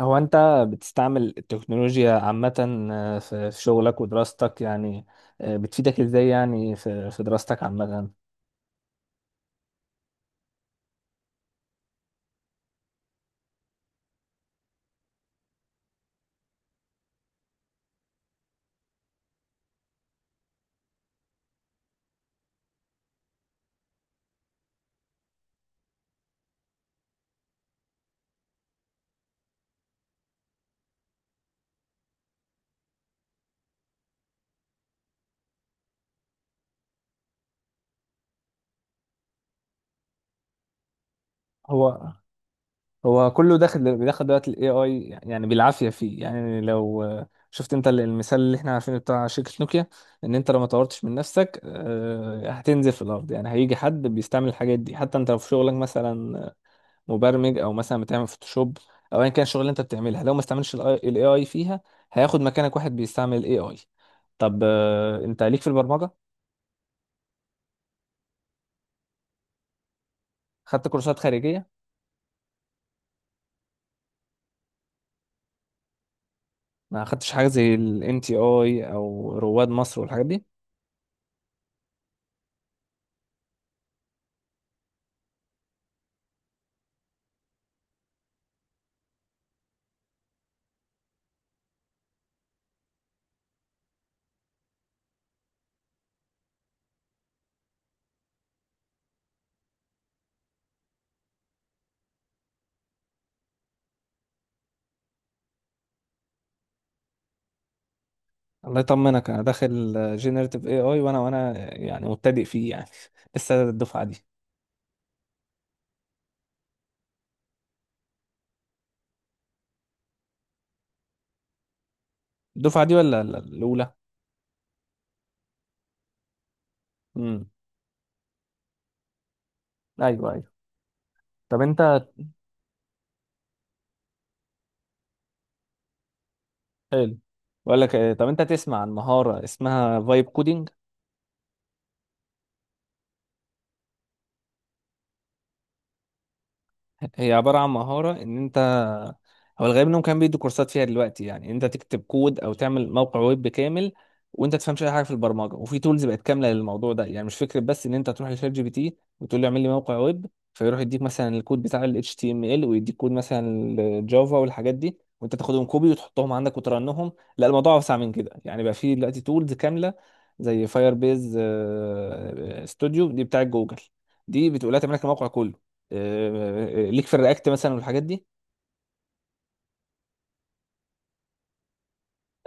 هو انت بتستعمل التكنولوجيا عامة، في شغلك ودراستك يعني. بتفيدك ازاي يعني في في دراستك عامة؟ هو هو كله داخل، بيدخل دلوقتي الاي اي يعني بالعافية فيه. يعني لو شفت انت المثال اللي احنا عارفينه بتاع شركة نوكيا، ان انت لو ما طورتش من نفسك هتنزل في الارض. يعني هيجي حد بيستعمل الحاجات دي، حتى انت لو في شغلك مثلا مبرمج او مثلا بتعمل فوتوشوب او ايا كان الشغل اللي انت بتعملها، لو ما استعملش الاي اي فيها هياخد مكانك واحد بيستعمل الاي اي. طب انت ليك في البرمجه؟ خدت كورسات خارجيه؟ ما خدتش حاجه زي الان تي اي او رواد مصر والحاجات دي؟ الله يطمنك، انا داخل جينيريتيف اي اي، وانا يعني مبتدئ فيه يعني لسه. الدفعه دي، الدفعه دي ولا الاولى؟ امم ايوه ايوه. طب انت، حلو. بقول لك طب انت تسمع عن مهاره اسمها فايب كودينج؟ هي عبارة عن مهارة إن أنت، هو الغالب إنهم كانوا بيدوا كورسات فيها دلوقتي، يعني إن أنت تكتب كود أو تعمل موقع ويب كامل وأنت تفهمش أي حاجة في البرمجة. وفي تولز بقت كاملة للموضوع ده، يعني مش فكرة بس إن أنت تروح لشات جي بي تي وتقول له اعمل لي موقع ويب، فيروح يديك مثلا الكود بتاع ال HTML ويديك كود مثلا الجافا والحاجات دي، وأنت تاخدهم كوبي وتحطهم عندك وترنهم. لا، الموضوع أوسع من كده. يعني بقى في دلوقتي تولز كاملة زي فاير بيز ستوديو دي بتاعت جوجل، دي بتقول لها تعمل لك الموقع كله. ليك في الرياكت مثلا والحاجات دي؟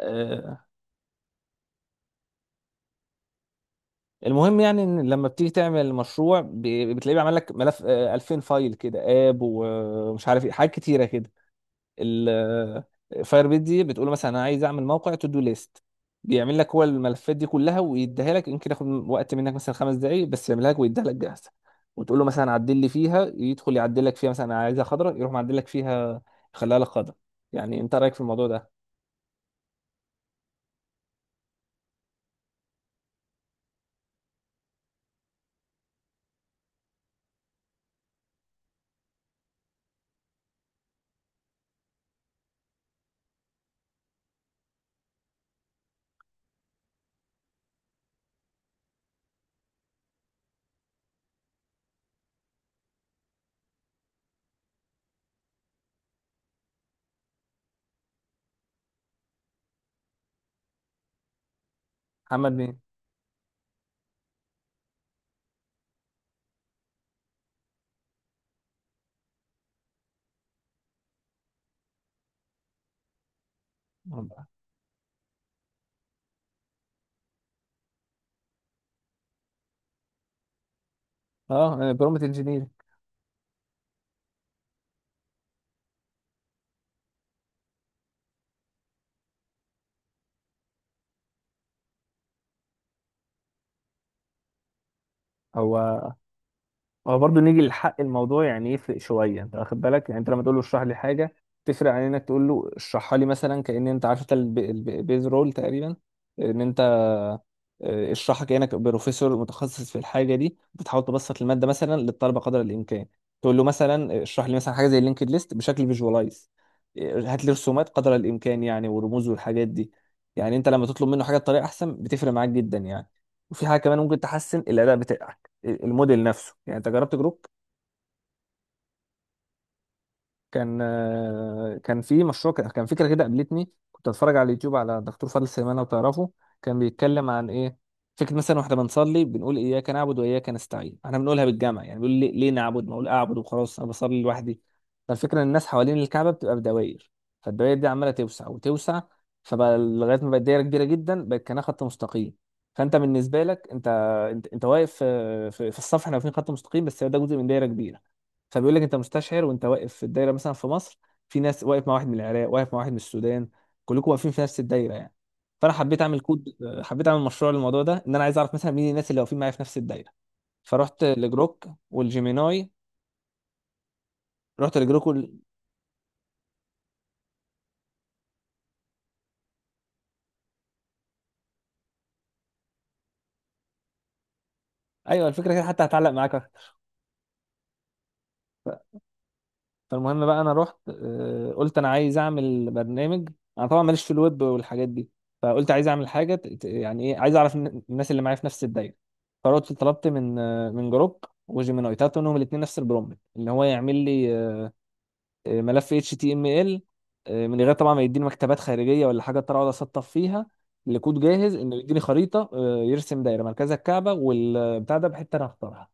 آه، المهم، يعني ان لما بتيجي تعمل مشروع بتلاقيه بيعمل لك ملف 2000 فايل كده، اب ومش عارف ايه، حاجات كتيره كده. الفاير بيت دي بتقول له مثلا انا عايز اعمل موقع تو دو ليست، بيعمل لك هو الملفات دي كلها ويديها لك. يمكن ياخد وقت منك مثلا 5 دقائق بس، يعملها لك ويديها لك جاهزه. وتقول له مثلا عدل لي فيها، يدخل يعدل لك فيها. مثلا أنا عايزها خضراء، يروح معدل لك فيها، يخليها لك خضراء. يعني انت رايك في الموضوع ده؟ محمد مين؟ اه، برومت انجينير. هو، هو برضه نيجي لحق الموضوع يعني، يفرق شويه، انت واخد بالك. يعني انت لما تقول له اشرح لي حاجه، تفرق عن انك تقول له اشرحها لي، مثلا كأن انت عارف انت البيز رول تقريبا، ان انت اشرحها كأنك بروفيسور متخصص في الحاجة دي، بتحاول تبسط المادة مثلا للطلبة قدر الإمكان. تقول له مثلا اشرح لي مثلا حاجة زي اللينكد ليست بشكل فيجوالايز، هات لي رسومات قدر الإمكان، يعني ورموز والحاجات دي. يعني أنت لما تطلب منه حاجة بطريقة أحسن، بتفرق معاك جدا يعني. وفي حاجة كمان ممكن تحسن الأداء بتاعك، الموديل نفسه. يعني أنت جربت جروب؟ كان كان في مشروع كان فكره كده قابلتني، كنت اتفرج على اليوتيوب على دكتور فاضل سليمان، لو تعرفه. كان بيتكلم عن ايه، فكره مثلا، واحنا بنصلي بنقول اياك نعبد واياك نستعين، احنا بنقولها بالجمع. يعني بيقول ليه نعبد؟ ما اقول اعبد وخلاص، انا بصلي لوحدي. فالفكره ان الناس حوالين الكعبه بتبقى بدوائر، فالدوائر دي عماله توسع وتوسع، فبقى لغايه ما بقت دايره كبيره جدا بقت كانها خط مستقيم. فانت بالنسبه لك انت، انت واقف في, الصف، احنا واقفين خط مستقيم بس هو ده جزء من دايره كبيره. فبيقول لك انت مستشعر وانت واقف في الدايره مثلا في مصر، في ناس واقف مع واحد من العراق، واقف مع واحد من السودان، كلكم واقفين في نفس الدايره يعني. فانا حبيت اعمل كود، حبيت اعمل مشروع للموضوع ده، ان انا عايز اعرف مثلا مين الناس اللي واقفين معايا في نفس الدايره. فرحت لجروك والجيميناي. رحت لجروك وال... ايوه الفكره كده، حتى هتعلق معاك. فالمهم بقى، انا رحت قلت انا عايز اعمل برنامج. انا طبعا ماليش في الويب والحاجات دي، فقلت عايز اعمل حاجه يعني ايه، عايز اعرف الناس اللي معايا في نفس الدايره. فرحت طلبت من من جروب وجيميناي، طلبت منهم الاثنين نفس البرومبت، ان هو يعمل لي ملف اتش تي ام ال، من غير طبعا ما يديني مكتبات خارجيه ولا حاجه اضطر اقعد اسطب فيها. لكود جاهز انه يديني خريطه، يرسم دايره مركزها الكعبه، والبتاع ده بحته انا اختارها.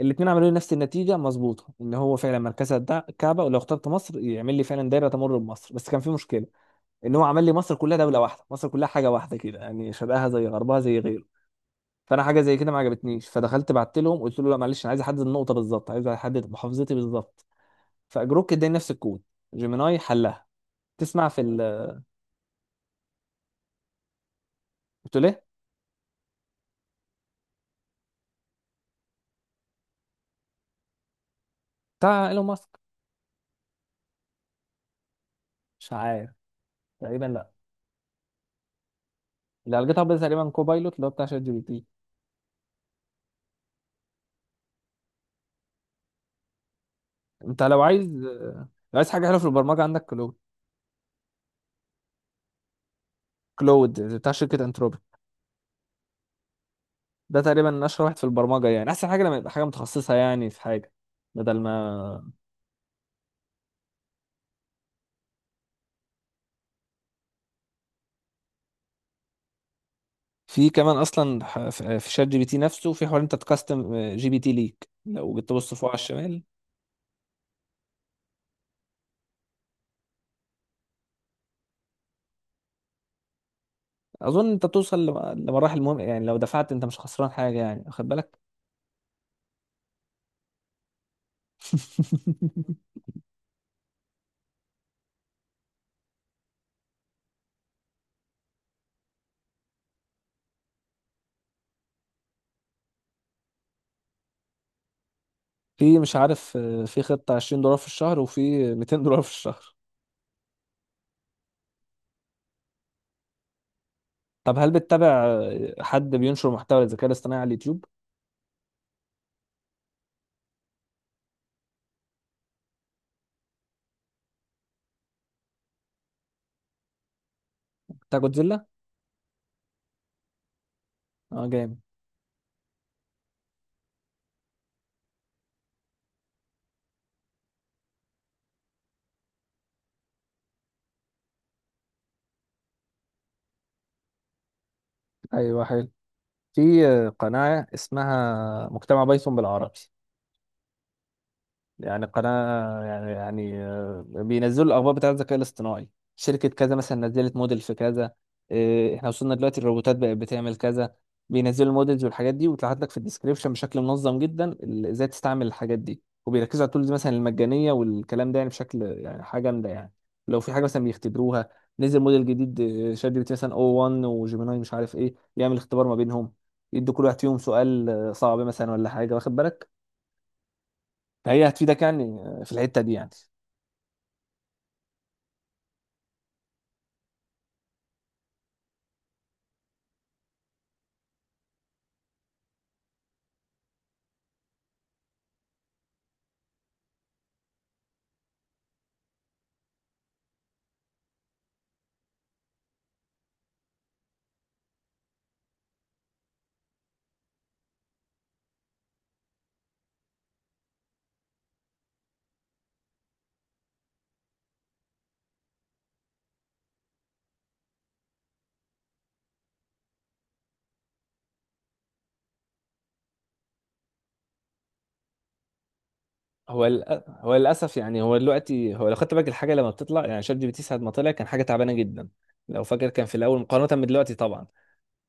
الاثنين عملوا لي نفس النتيجه مظبوطه، ان هو فعلا مركزها الكعبه، ولو اخترت مصر يعمل لي فعلا دايره تمر بمصر. بس كان في مشكله، ان هو عمل لي مصر كلها دوله واحده، مصر كلها حاجه واحده كده، يعني شرقها زي غربها زي غيره. فانا حاجه زي كده ما عجبتنيش، فدخلت بعت لهم، قلت له لا معلش، انا عايز احدد النقطه بالظبط، عايز احدد محافظتي بالظبط. فجروك اداني نفس الكود، جيميناي حلها. تسمع في ال... قلت له ايه؟ بتاع ايلون ماسك. مش عارف، تقريبا لا. اللي على جيت هاب ده تقريبا كوبايلوت، اللي هو بتاع شات جي بي تي. انت لو عايز، لو عايز حاجه حلوه في البرمجه عندك كلود بتاع شركة انتروبيك، ده تقريبا اشهر واحد في البرمجة يعني، احسن حاجة لما يبقى حاجة متخصصة يعني في حاجة، بدل ما في كمان اصلا في في شات جي بي تي نفسه في حوار انت تكستم جي بي تي ليك، لو جيت تبص فوق على الشمال. اظن انت بتوصل لمراحل مهم، يعني لو دفعت انت مش خسران حاجة يعني، واخد بالك. في مش عارف في خطة 20 دولار في الشهر وفي 200 دولار في الشهر. طب هل بتتابع حد بينشر محتوى للذكاء الاصطناعي على اليوتيوب؟ بتاع جودزيلا؟ اه، جامد. ايوه، حلو. في قناة اسمها مجتمع بايثون بالعربي، يعني قناة يعني يعني بينزلوا الأخبار بتاعة الذكاء الاصطناعي، شركة كذا مثلا نزلت موديل في كذا، احنا وصلنا دلوقتي الروبوتات بقت بتعمل كذا. بينزلوا المودلز والحاجات دي، وتلاحظ لك في الديسكريبشن بشكل منظم جدا ازاي تستعمل الحاجات دي، وبيركزوا على التولز مثلا المجانية والكلام ده، يعني بشكل يعني حاجة جامدة يعني. لو في حاجة مثلا بيختبروها، نزل موديل جديد شات جي بي تي مثلا او 1 وجيميناي مش عارف ايه، يعمل اختبار ما بينهم، يدوا كل واحد فيهم سؤال صعب مثلا ولا حاجة، واخد بالك. فهي هتفيدك يعني في الحته دي يعني. هو هو للاسف يعني، هو دلوقتي هو لو خدت بالك الحاجه لما بتطلع، يعني شات جي بي تي ساعه ما طلع كان حاجه تعبانه جدا لو فاكر، كان في الاول مقارنه من دلوقتي طبعا.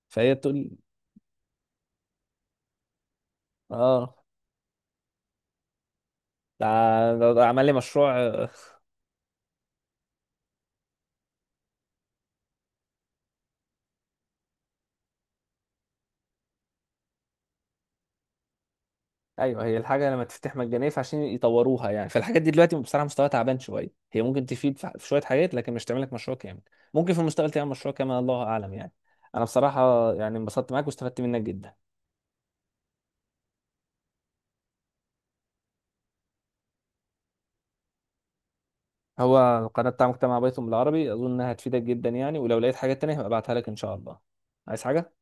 فهي تقول، اه ده، ده عمل لي مشروع ايوه، هي الحاجه لما تفتح مجانيه فعشان يطوروها يعني، فالحاجات دي دلوقتي بصراحه مستواها تعبان شويه، هي ممكن تفيد في في شويه حاجات لكن مش تعمل لك مشروع كامل. ممكن في المستقبل تعمل مشروع كامل، الله اعلم يعني. انا بصراحه يعني انبسطت معاك واستفدت منك جدا. هو القناة بتاع مجتمع بايثون بالعربي أظن إنها هتفيدك جدا يعني، ولو لقيت حاجات تانية هبقى أبعتها لك إن شاء الله. عايز حاجة؟